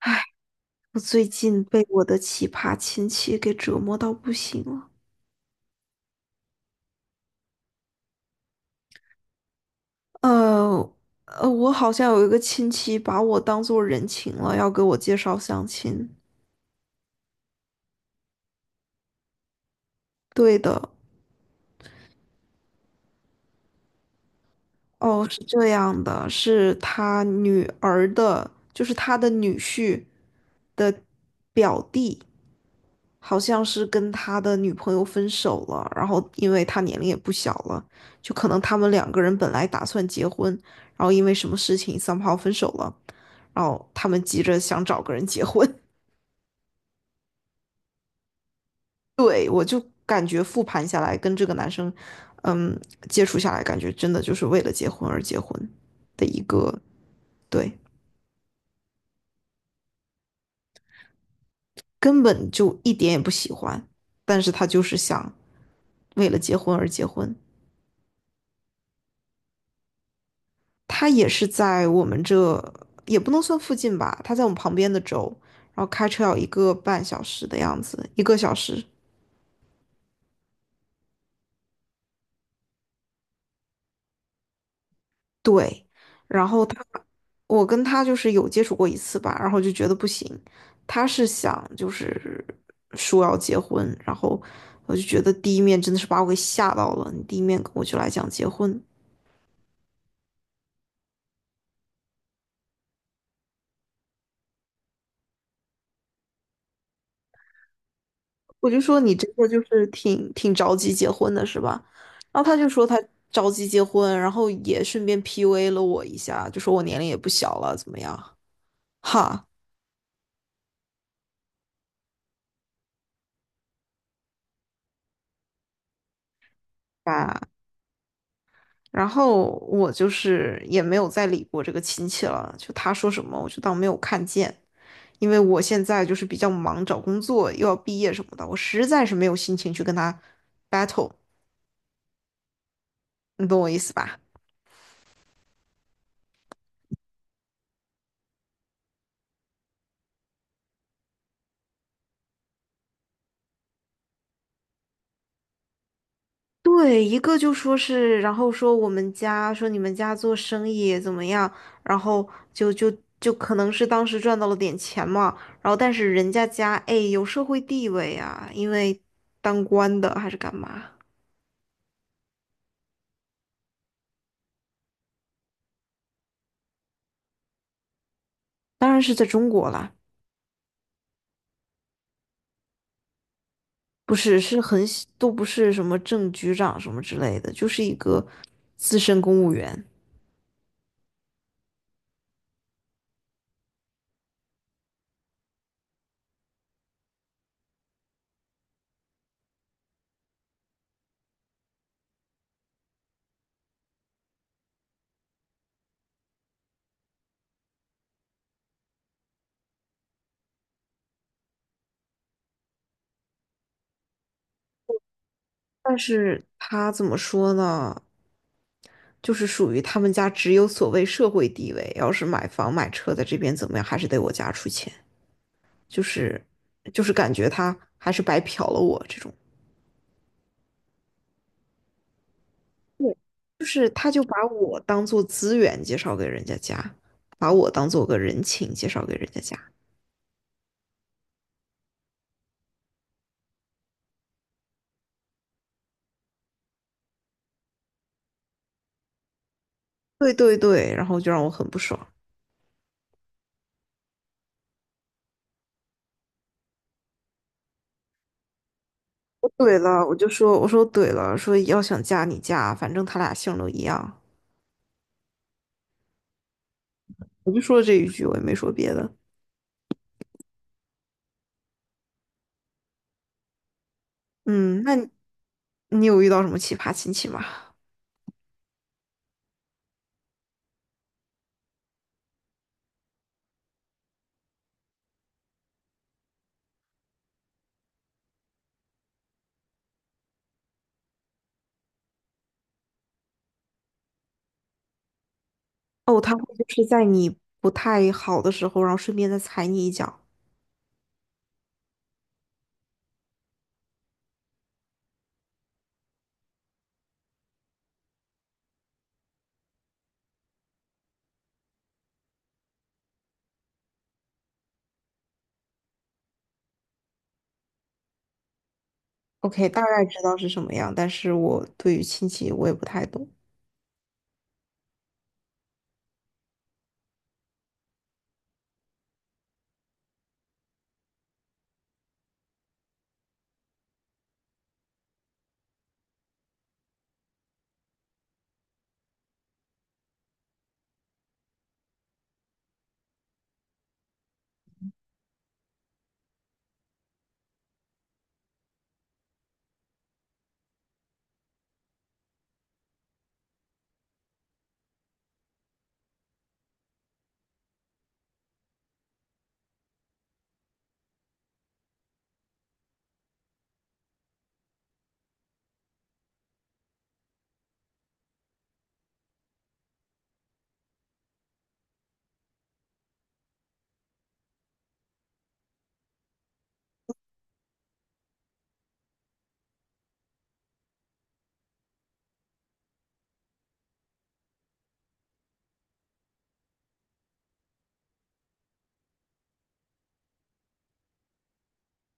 唉，我最近被我的奇葩亲戚给折磨到不行了。呃我好像有一个亲戚把我当做人情了，要给我介绍相亲。对的。哦，是这样的，是他女儿的，就是他的女婿的表弟。好像是跟他的女朋友分手了，然后因为他年龄也不小了，就可能他们两个人本来打算结婚，然后因为什么事情 somehow 分手了，然后他们急着想找个人结婚。对，我就感觉复盘下来，跟这个男生，嗯，接触下来，感觉真的就是为了结婚而结婚的一个。对，根本就一点也不喜欢，但是他就是想为了结婚而结婚。他也是在我们这，也不能算附近吧，他在我们旁边的州，然后开车要一个半小时的样子，一个小时。对，然后他，我跟他就是有接触过一次吧，然后就觉得不行，他是想就是说要结婚，然后我就觉得第一面真的是把我给吓到了，你第一面跟我就来讲结婚。我就说你这个就是挺着急结婚的是吧？然后他就说他着急结婚，然后也顺便 PUA 了我一下，就说我年龄也不小了，怎么样？哈啊！然后我就是也没有再理过这个亲戚了，就他说什么我就当没有看见，因为我现在就是比较忙，找工作又要毕业什么的，我实在是没有心情去跟他 battle，你懂我意思吧？对，一个就说是，然后说我们家说你们家做生意怎么样，然后就就就可能是当时赚到了点钱嘛，然后但是人家家哎有社会地位啊，因为当官的还是干嘛，当然是在中国啦，不是是很小都不是什么正局长什么之类的，就是一个资深公务员。但是他怎么说呢？就是属于他们家只有所谓社会地位，要是买房买车在这边怎么样，还是得我家出钱，就是就是感觉他还是白嫖了我这种。对，就是他就把我当做资源介绍给人家家，把我当做个人情介绍给人家家。对对对，然后就让我很不爽。我怼了，我就说我说怼了，说要想嫁你嫁，反正他俩姓都一样，我就说了这一句，我也没说别的。嗯，那你有遇到什么奇葩亲戚吗？哦，他会就是在你不太好的时候，然后顺便再踩你一脚。OK，大概知道是什么样，但是我对于亲戚我也不太懂。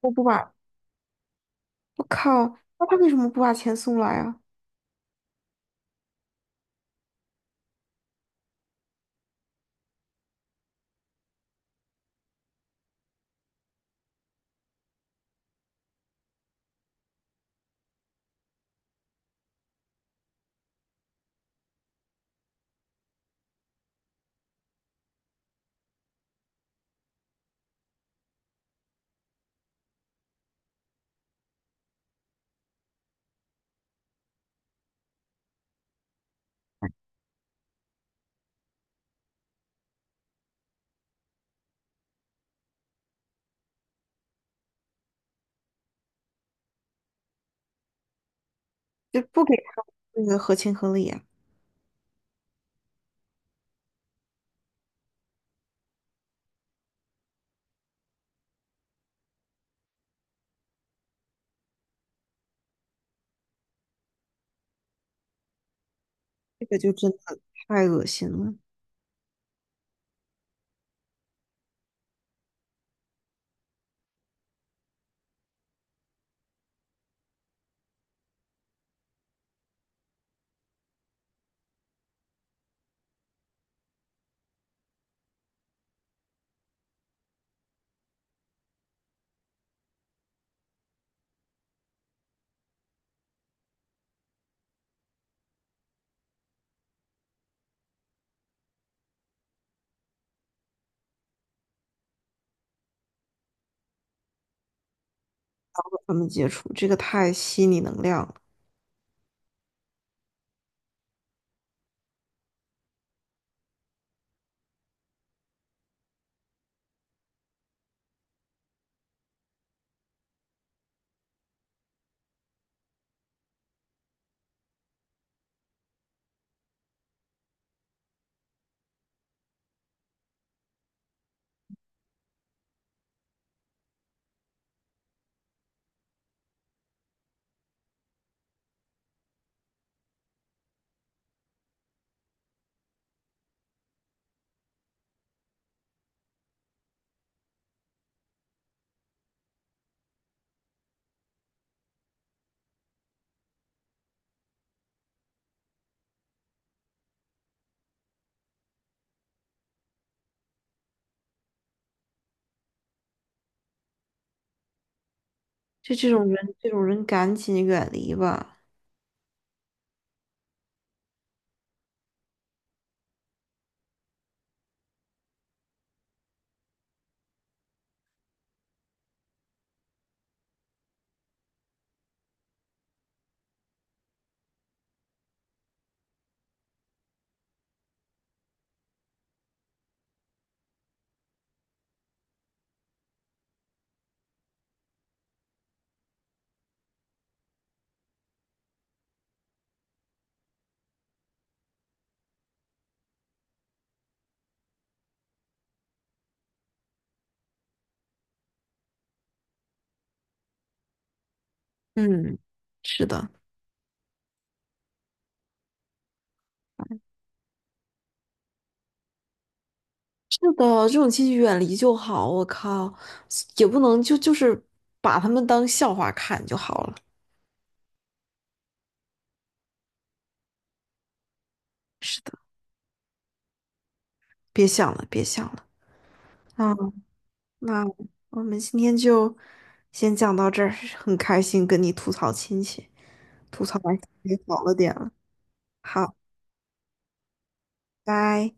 我不把，我靠，那他为什么不把钱送来啊？就不给他那个合情合理啊？这个就真的太恶心了。不跟他们接触，这个太吸你能量了。就这种人，这种人赶紧远离吧。嗯，是的。是的，这种亲戚远离就好。我靠，也不能是把他们当笑话看就好了。是的，别想了，别想了。啊，那我们今天就先讲到这儿，很开心跟你吐槽亲戚，吐槽完也好了点了。好，拜。